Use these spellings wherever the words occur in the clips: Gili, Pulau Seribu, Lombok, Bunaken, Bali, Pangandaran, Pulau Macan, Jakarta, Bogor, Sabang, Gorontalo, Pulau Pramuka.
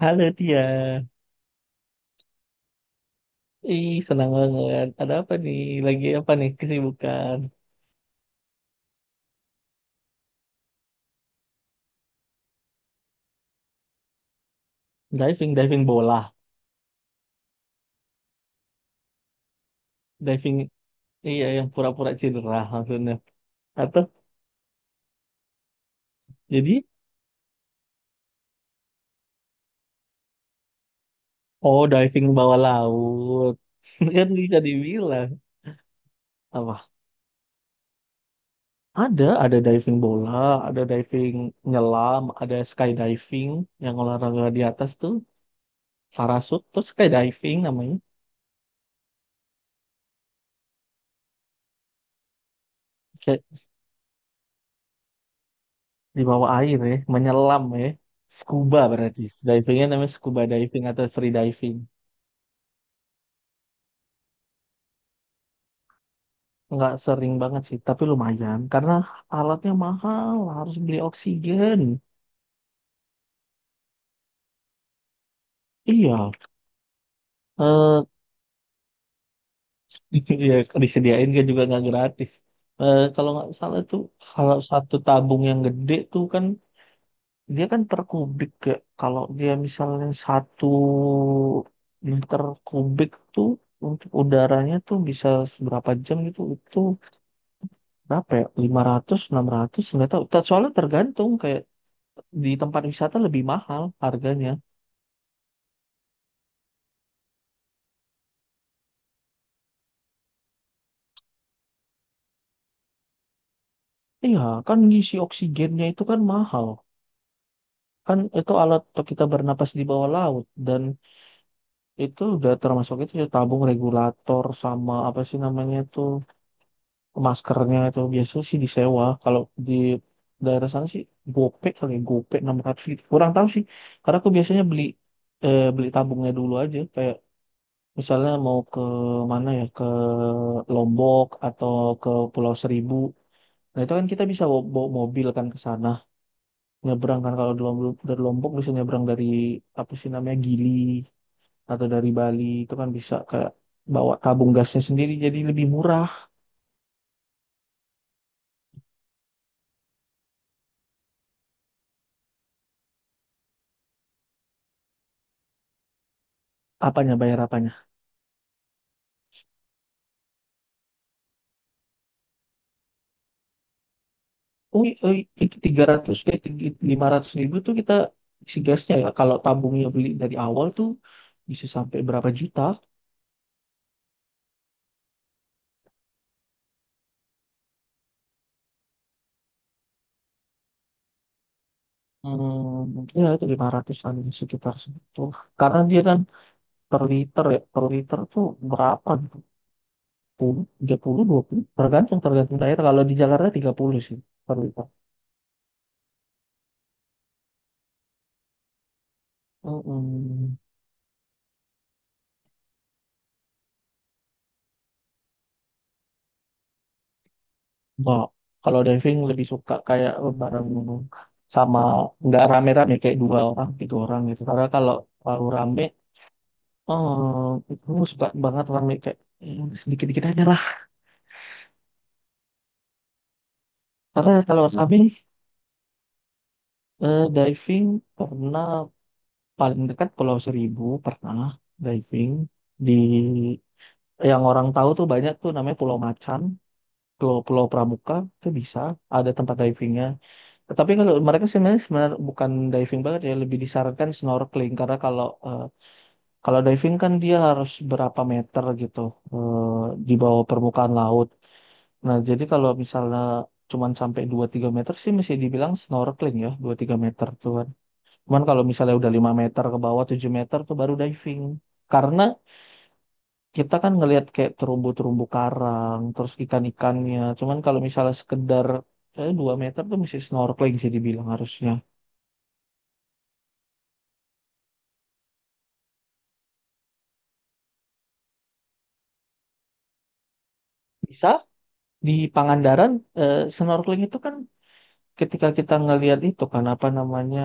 Halo dia, ih senang banget. Ada apa nih? Lagi apa nih kesibukan? Diving, diving bola, diving iya yang pura-pura cedera maksudnya. Atau jadi oh diving bawah laut kan bisa dibilang apa? Ada diving bola, ada diving nyelam, ada skydiving yang olahraga di atas tuh parasut terus skydiving namanya. Di bawah air ya, menyelam ya. Scuba berarti. Divingnya namanya scuba diving atau free diving. Nggak sering banget sih, tapi lumayan. Karena alatnya mahal, harus beli oksigen. Iya, eh iya, disediain kan juga nggak gratis. Eh kalau nggak salah tuh, kalau satu tabung yang gede tuh kan, dia kan per kubik. Ya. Kalau dia misalnya satu liter kubik tuh, untuk udaranya tuh bisa seberapa jam gitu, itu berapa ya? 500, 600, nggak tahu. Soalnya tergantung kayak di tempat wisata lebih mahal harganya. Iya, kan ngisi oksigennya itu kan mahal. Kan itu alat untuk kita bernapas di bawah laut dan itu udah termasuk itu ya, tabung regulator sama apa sih namanya itu maskernya itu biasanya sih disewa. Kalau di daerah sana sih gope kali ya, gope 600 gitu. Kurang tahu sih. Karena aku biasanya beli beli tabungnya dulu aja kayak misalnya mau ke mana ya, ke Lombok atau ke Pulau Seribu. Nah itu kan kita bisa bawa, bawa mobil kan ke sana. Nyebrang kan kalau dari Lombok bisa nyebrang dari apa sih namanya Gili atau dari Bali itu kan bisa kayak bawa tabung gasnya sendiri jadi lebih murah. Apanya bayar apanya? Oh, itu 300 500 ribu tuh kita isi gasnya ya. Kalau tabungnya beli dari awal tuh bisa sampai berapa juta? Hmm, ya itu 500-an sekitar segitu. Karena dia kan per liter ya, per liter tuh berapa? Gitu? 10, 30, 20, tergantung tergantung daerah. Kalau di Jakarta 30 sih per liter. Hmm. Nah, kalau diving lebih suka kayak bareng sama nggak rame-rame kayak dua orang, tiga orang gitu. Karena kalau baru rame, itu suka banget rame kayak sedikit-dikit aja lah. Karena kalau rame, diving pernah paling dekat Pulau Seribu pernah diving di yang orang tahu tuh banyak tuh namanya Pulau Macan, Pulau Pulau Pramuka itu bisa ada tempat divingnya. Tetapi kalau mereka sebenarnya sebenarnya bukan diving banget ya, lebih disarankan snorkeling karena kalau diving kan dia harus berapa meter gitu di bawah permukaan laut. Nah, jadi kalau misalnya cuman sampai dua tiga meter sih masih dibilang snorkeling ya, dua tiga meter tuh cuman kalau misalnya udah 5 meter ke bawah, 7 meter tuh baru diving. Karena kita kan ngelihat kayak terumbu-terumbu karang, terus ikan-ikannya. Cuman kalau misalnya sekedar 2 meter tuh mesti snorkeling sih dibilang harusnya. Bisa di Pangandaran snorkeling itu kan ketika kita ngelihat itu kan apa namanya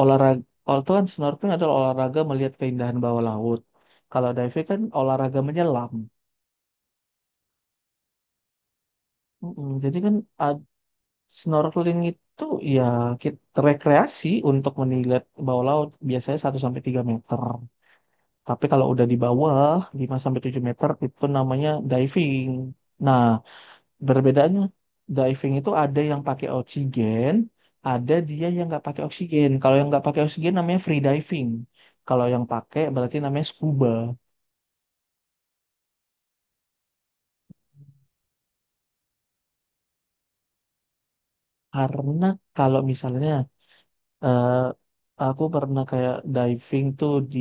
olahraga. Oh, itu kan snorkeling adalah olahraga melihat keindahan bawah laut. Kalau diving kan olahraga menyelam. Mm-mm, jadi kan ah, Snorkeling itu ya kita rekreasi untuk melihat bawah laut biasanya 1 sampai 3 meter. Tapi kalau udah di bawah 5 sampai 7 meter itu namanya diving. Nah, berbedanya diving itu ada yang pakai oksigen, ada dia yang nggak pakai oksigen. Kalau yang nggak pakai oksigen namanya free diving. Kalau yang pakai berarti namanya scuba. Karena kalau misalnya Eh, aku pernah kayak diving tuh di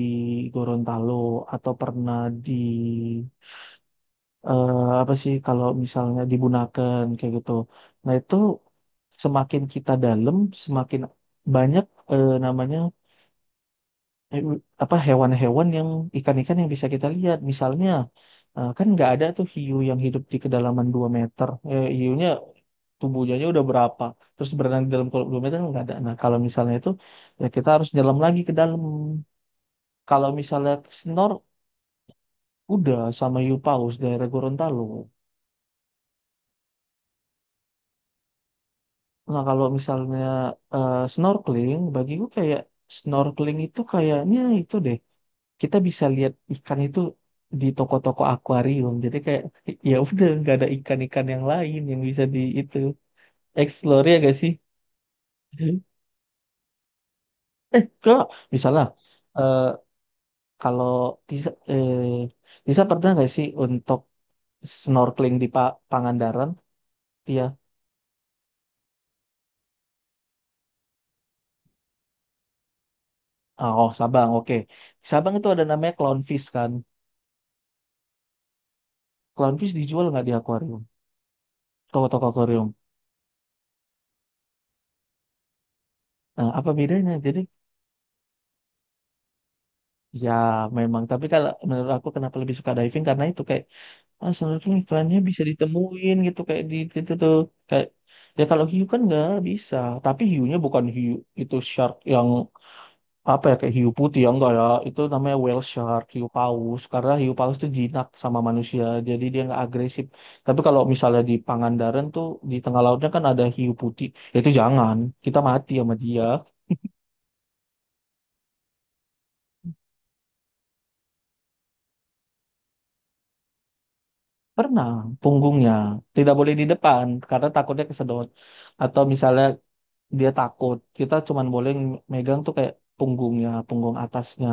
Gorontalo atau pernah di eh, apa sih kalau misalnya di Bunaken kayak gitu. Nah itu semakin kita dalam, semakin banyak namanya eh, apa hewan-hewan yang ikan-ikan yang bisa kita lihat. Misalnya kan nggak ada tuh hiu yang hidup di kedalaman 2 meter. Hiunya tubuhnya aja udah berapa terus berenang di dalam kolam 2 meter nggak ada nah kalau misalnya itu ya kita harus nyelam lagi ke dalam kalau misalnya snor udah sama hiu daerah Gorontalo nah kalau misalnya snorkeling bagiku kayak snorkeling itu kayaknya itu deh kita bisa lihat ikan itu di toko-toko akuarium jadi kayak ya udah nggak ada ikan-ikan yang lain yang bisa di itu explore ya gak sih eh kok misalnya eh, Kalau Tisa, eh, Tisa pernah nggak sih untuk snorkeling di Pangandaran? Iya. Oh, Sabang, oke. Di Sabang itu ada namanya clownfish kan. Clownfish dijual nggak di akuarium? Toko-toko akuarium. Nah, apa bedanya? Jadi, ya memang. Tapi kalau menurut aku kenapa lebih suka diving? Karena itu kayak, snorkeling ikannya bisa ditemuin gitu. Kayak di itu tuh. Kayak, ya kalau hiu kan nggak bisa. Tapi hiunya bukan hiu. Itu shark yang apa ya kayak hiu putih ya enggak ya itu namanya whale shark hiu paus karena hiu paus itu jinak sama manusia jadi dia nggak agresif. Tapi kalau misalnya di Pangandaran tuh di tengah lautnya kan ada hiu putih. Ya itu jangan, kita mati sama dia. Pernah punggungnya tidak boleh di depan karena takutnya kesedot atau misalnya dia takut. Kita cuman boleh megang tuh kayak punggungnya, punggung atasnya.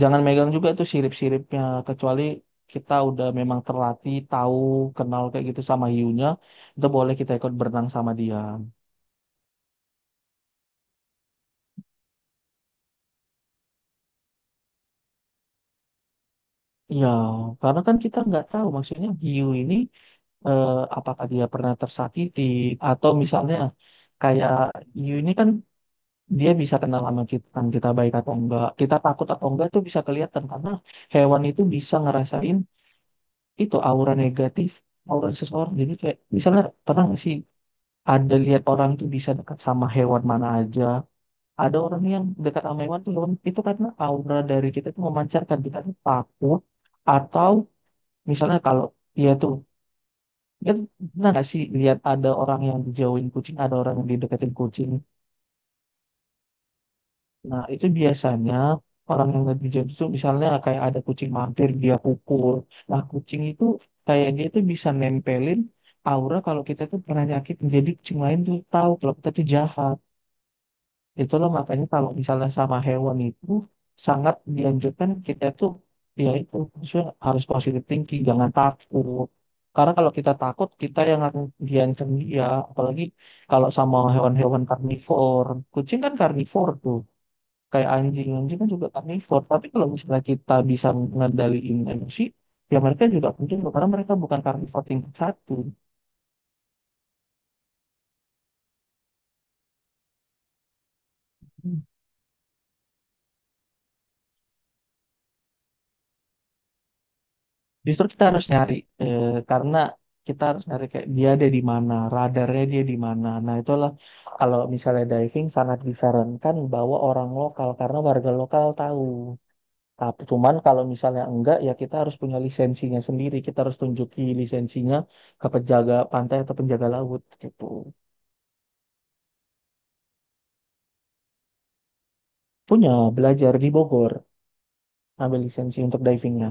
Jangan megang juga itu sirip-siripnya, kecuali kita udah memang terlatih, tahu, kenal kayak gitu sama hiunya, itu boleh kita ikut berenang sama dia. Ya, karena kan kita nggak tahu maksudnya hiu ini eh, apakah dia pernah tersakiti atau misalnya kayak hiu ini kan dia bisa kenal sama kita, kan kita baik atau enggak, kita takut atau enggak itu bisa kelihatan karena hewan itu bisa ngerasain itu aura negatif aura seseorang jadi kayak misalnya pernah nggak sih ada lihat orang tuh bisa dekat sama hewan mana aja ada orang yang dekat sama hewan tuh hewan itu karena aura dari kita tuh memancarkan kita tuh takut atau misalnya kalau iya tuh ya pernah nggak sih lihat ada orang yang dijauhin kucing ada orang yang dideketin kucing. Nah, itu biasanya orang yang lebih jahat itu misalnya kayak ada kucing mampir, dia pukul. Nah, kucing itu kayak dia itu bisa nempelin aura kalau kita tuh pernah nyakit. Jadi kucing lain tuh tahu kalau kita tuh jahat. Itulah makanya kalau misalnya sama hewan itu sangat dianjurkan kita tuh ya itu maksudnya harus positive thinking, jangan takut. Karena kalau kita takut, kita yang akan diancam dia. Apalagi kalau sama hewan-hewan karnivor. Kucing kan karnivor tuh kayak anjing anjing kan juga karnivor tapi kalau misalnya kita bisa ngendaliin emosi ya mereka juga penting loh, karena mereka bukan karnivor tingkat satu. Justru kita harus nyari eh, karena kita harus nyari kayak dia ada di mana radarnya dia di mana nah itulah kalau misalnya diving sangat disarankan bawa orang lokal karena warga lokal tahu tapi cuman kalau misalnya enggak ya kita harus punya lisensinya sendiri kita harus tunjuki lisensinya ke penjaga pantai atau penjaga laut gitu. Punya, belajar di Bogor, ambil lisensi untuk divingnya.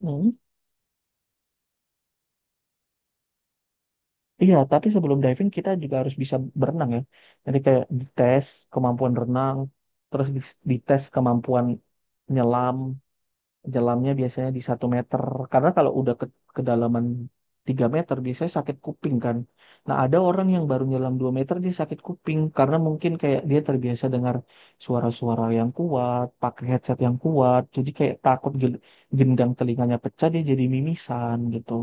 Hmm. Iya, tapi sebelum diving kita juga harus bisa berenang ya. Jadi kayak dites kemampuan renang, terus dites kemampuan nyelam, jelamnya biasanya di 1 meter. Karena kalau udah ke kedalaman 3 meter biasanya sakit kuping kan. Nah ada orang yang baru nyelam 2 meter dia sakit kuping. Karena mungkin kayak dia terbiasa dengar suara-suara yang kuat, pakai headset yang kuat. Jadi kayak takut gendang telinganya pecah dia jadi mimisan gitu.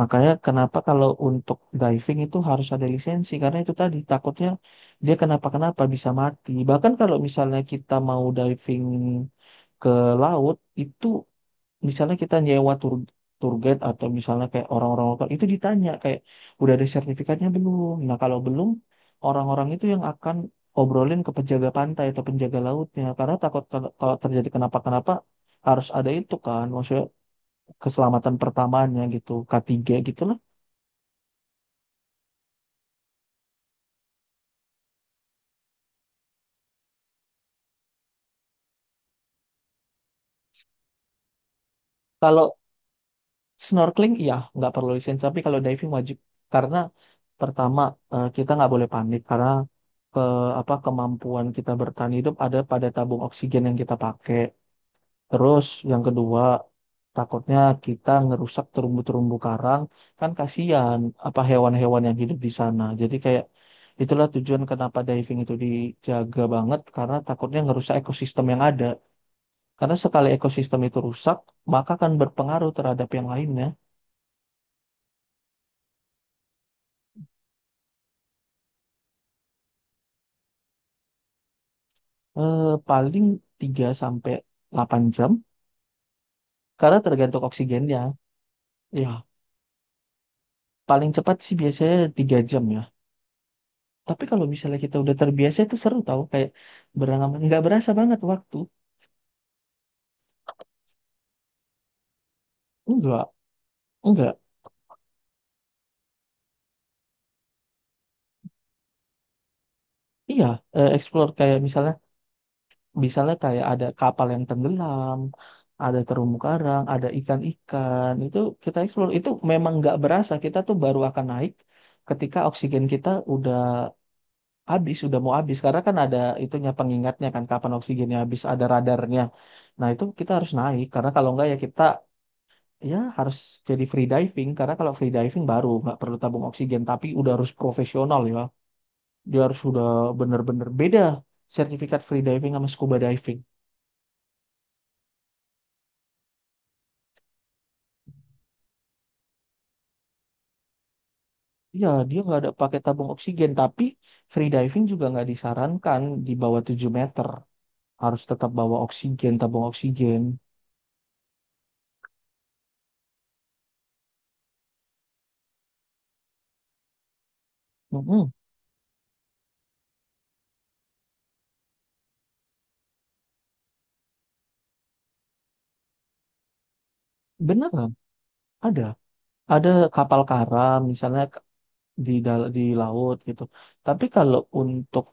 Makanya kenapa kalau untuk diving itu harus ada lisensi. Karena itu tadi takutnya dia kenapa-kenapa bisa mati. Bahkan kalau misalnya kita mau diving ke laut itu misalnya kita nyewa tour tour guide atau misalnya kayak orang-orang lokal itu ditanya kayak udah ada sertifikatnya belum. Nah, kalau belum orang-orang itu yang akan obrolin ke penjaga pantai atau penjaga lautnya karena takut kalau kalau terjadi kenapa-kenapa harus ada itu kan maksudnya keselamatan pertamanya gitu K3 gitu lah. Kalau snorkeling iya nggak perlu lisensi tapi kalau diving wajib karena pertama kita nggak boleh panik karena ke apa kemampuan kita bertahan hidup ada pada tabung oksigen yang kita pakai. Terus yang kedua, takutnya kita ngerusak terumbu-terumbu karang, kan kasihan apa hewan-hewan yang hidup di sana. Jadi kayak itulah tujuan kenapa diving itu dijaga banget karena takutnya ngerusak ekosistem yang ada. Karena sekali ekosistem itu rusak, maka akan berpengaruh terhadap yang lainnya. Paling 3 sampai 8 jam karena tergantung oksigennya. Ya, paling cepat sih biasanya 3 jam ya. Tapi kalau misalnya kita udah terbiasa itu seru tau kayak beranggapan nggak berasa banget waktu. Enggak, enggak. Iya, explore kayak misalnya misalnya kayak ada kapal yang tenggelam, ada terumbu karang, ada ikan-ikan. Itu kita explore itu memang nggak berasa kita tuh baru akan naik ketika oksigen kita udah habis, udah mau habis karena kan ada itunya pengingatnya kan kapan oksigennya habis, ada radarnya. Nah, itu kita harus naik karena kalau enggak ya kita ya harus jadi free diving karena kalau free diving baru nggak perlu tabung oksigen tapi udah harus profesional ya dia harus sudah bener-bener beda sertifikat free diving sama scuba diving ya dia nggak ada pakai tabung oksigen tapi free diving juga nggak disarankan di bawah 7 meter harus tetap bawa oksigen tabung oksigen. Mm-mm. Beneran ada ada kapal karam misalnya di di laut gitu. Tapi kalau untuk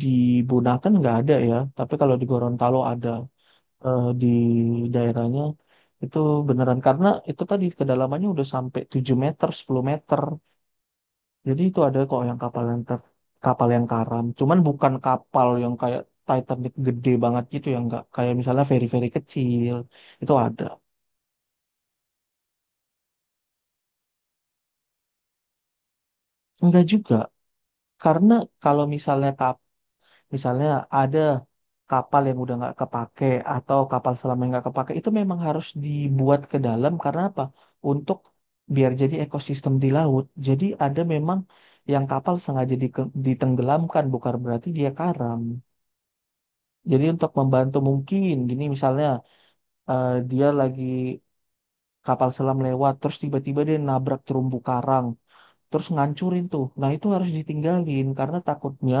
di Bunaken nggak ada ya. Tapi kalau di Gorontalo ada di daerahnya itu beneran karena itu tadi kedalamannya udah sampai 7 meter, 10 meter. Jadi itu ada kok yang kapal yang karam. Cuman bukan kapal yang kayak Titanic gede banget gitu ya nggak kayak misalnya feri-feri kecil itu ada. Enggak juga. Karena kalau misalnya misalnya ada kapal yang udah nggak kepake atau kapal selam yang nggak kepake itu memang harus dibuat ke dalam karena apa? Untuk biar jadi ekosistem di laut. Jadi ada memang yang kapal ditenggelamkan bukan berarti dia karam. Jadi untuk membantu mungkin gini misalnya dia lagi kapal selam lewat terus tiba-tiba dia nabrak terumbu karang terus ngancurin tuh. Nah, itu harus ditinggalin karena takutnya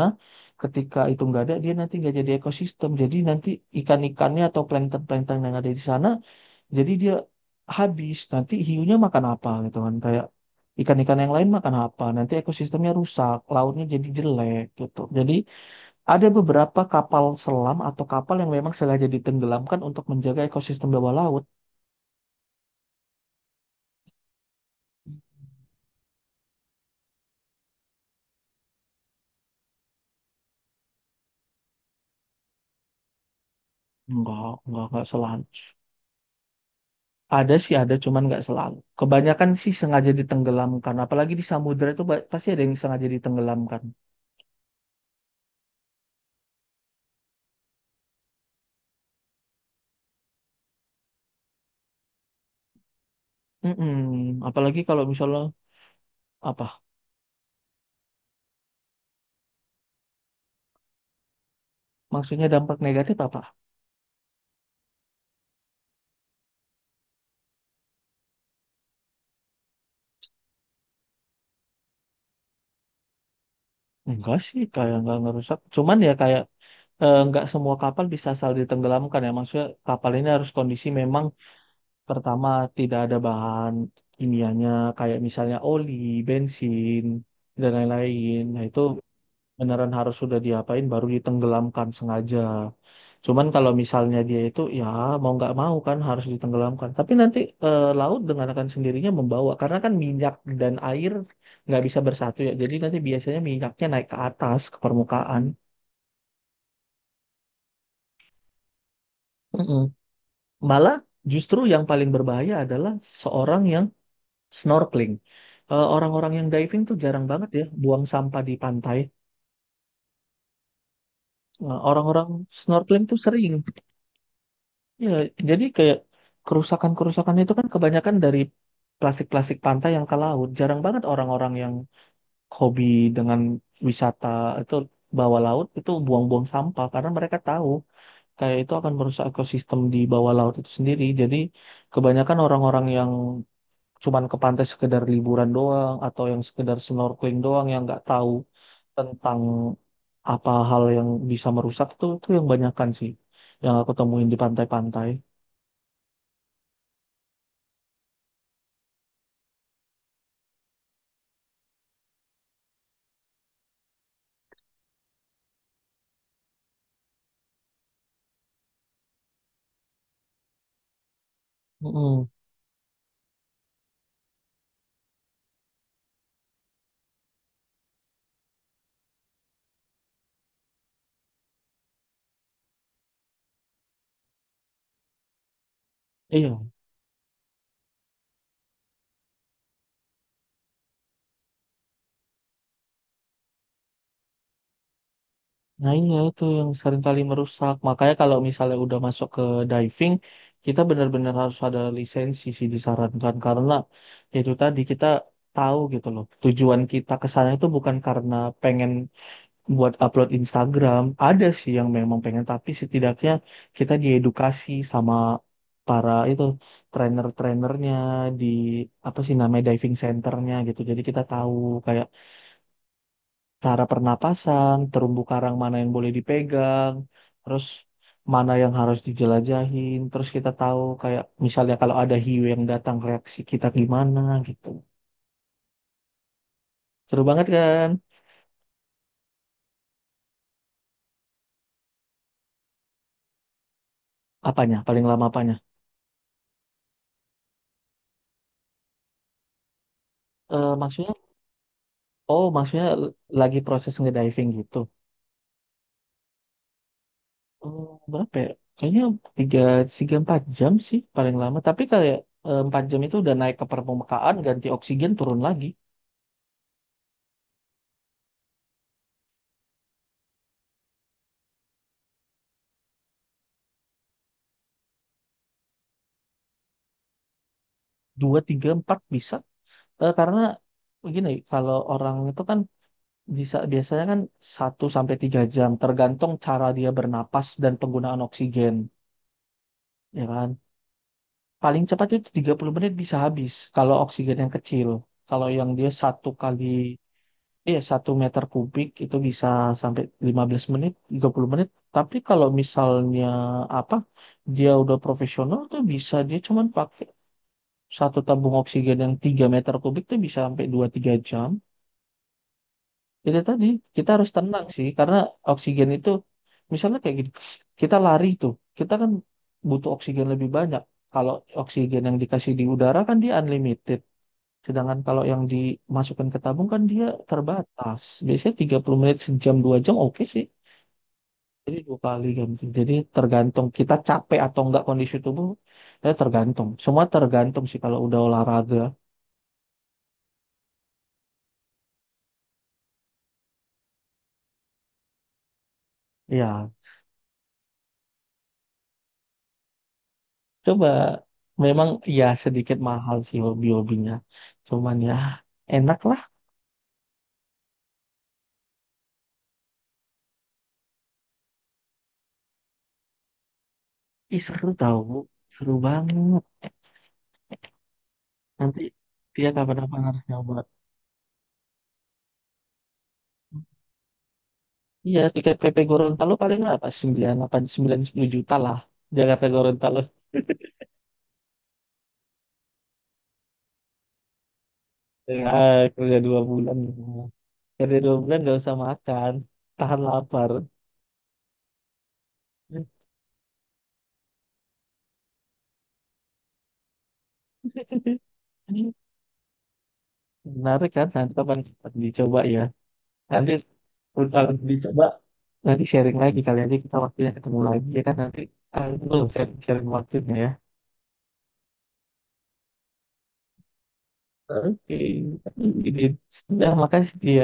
ketika itu nggak ada, dia nanti nggak jadi ekosistem. Jadi nanti ikan-ikannya atau plankton-plankton yang ada di sana, jadi dia habis. Nanti hiunya makan apa gitu kan. Kayak ikan-ikan yang lain makan apa. Nanti ekosistemnya rusak, lautnya jadi jelek gitu. Jadi ada beberapa kapal selam atau kapal yang memang sengaja ditenggelamkan untuk menjaga ekosistem bawah laut. Enggak selanjut. Ada sih ada, cuman nggak selalu. Kebanyakan sih sengaja ditenggelamkan. Apalagi di samudra itu pasti ada yang sengaja ditenggelamkan. Mm-mm. Apalagi kalau misalnya apa? Maksudnya dampak negatif apa? Enggak sih, kayak nggak ngerusak. Cuman ya kayak nggak semua kapal bisa asal ditenggelamkan ya. Maksudnya kapal ini harus kondisi memang pertama tidak ada bahan kimianya kayak misalnya oli, bensin dan lain-lain. Nah itu beneran harus sudah diapain baru ditenggelamkan sengaja. Cuman kalau misalnya dia itu ya mau nggak mau kan harus ditenggelamkan. Tapi nanti laut dengan akan sendirinya membawa karena kan minyak dan air nggak bisa bersatu ya. Jadi nanti biasanya minyaknya naik ke atas ke permukaan. Mm-mm. Malah justru yang paling berbahaya adalah seorang yang snorkeling. Orang-orang yang diving tuh jarang banget ya buang sampah di pantai. Orang-orang snorkeling tuh sering. Ya, jadi kayak kerusakan-kerusakan itu kan kebanyakan dari plastik-plastik pantai yang ke laut. Jarang banget orang-orang yang hobi dengan wisata itu bawah laut itu buang-buang sampah karena mereka tahu kayak itu akan merusak ekosistem di bawah laut itu sendiri. Jadi kebanyakan orang-orang yang cuman ke pantai sekedar liburan doang atau yang sekedar snorkeling doang yang nggak tahu tentang apa hal yang bisa merusak itu yang banyakan sih yang aku temuin di pantai-pantai. Mm-mm. Iya, nah iya itu yang seringkali merusak. Makanya kalau misalnya udah masuk ke diving, kita benar-benar harus ada lisensi sih disarankan karena itu tadi kita tahu gitu loh. Tujuan kita ke sana itu bukan karena pengen buat upload Instagram. Ada sih yang memang pengen, tapi setidaknya kita diedukasi sama para itu trainer-trainernya di apa sih namanya diving centernya gitu. Jadi kita tahu kayak cara pernapasan, terumbu karang mana yang boleh dipegang, terus mana yang harus dijelajahin, terus kita tahu kayak misalnya kalau ada hiu yang datang reaksi kita gimana gitu. Seru banget kan? Apanya? Paling lama apanya? Eh maksudnya, oh lagi proses ngediving gitu. Oh, berapa ya? Kayaknya tiga, 3 4 jam sih paling lama. Tapi kayak 4 jam itu udah naik ke permukaan, ganti oksigen, turun lagi. Dua, tiga, empat bisa. Karena begini, kalau orang itu kan bisa biasanya kan 1 sampai 3 jam tergantung cara dia bernapas dan penggunaan oksigen, ya kan? Paling cepat itu 30 menit bisa habis kalau oksigen yang kecil. Kalau yang dia satu kali iya 1 meter kubik itu bisa sampai 15 menit, 30 menit. Tapi kalau misalnya apa dia udah profesional tuh bisa dia cuman pakai satu tabung oksigen yang 3 meter kubik tuh bisa sampai 2 3 jam itu tadi kita harus tenang sih karena oksigen itu misalnya kayak gini kita lari tuh kita kan butuh oksigen lebih banyak kalau oksigen yang dikasih di udara kan dia unlimited sedangkan kalau yang dimasukkan ke tabung kan dia terbatas biasanya 30 menit sejam 2 jam oke sih jadi dua kali ganti jadi tergantung kita capek atau enggak kondisi tubuh ya tergantung semua tergantung sih kalau udah olahraga ya. Coba memang ya sedikit mahal sih hobi-hobinya. Cuman ya enak lah. Ih, seru tau. Seru banget. Nanti dia kapan-kapan harus nyoba. Iya tiket PP Gorontalo paling apa? Sembilan, 8, 9, 10 juta lah. Jakarta Gorontalo ya, kerja 2 bulan gitu. Kerja dua bulan gak usah makan. Tahan lapar. Menarik kan? Nanti kapan dicoba ya. Nanti udah dicoba nanti sharing lagi kali aja kita waktunya ketemu lagi ya kan nanti itu belum sharing waktunya ya. Oke, ini sudah makasih dia.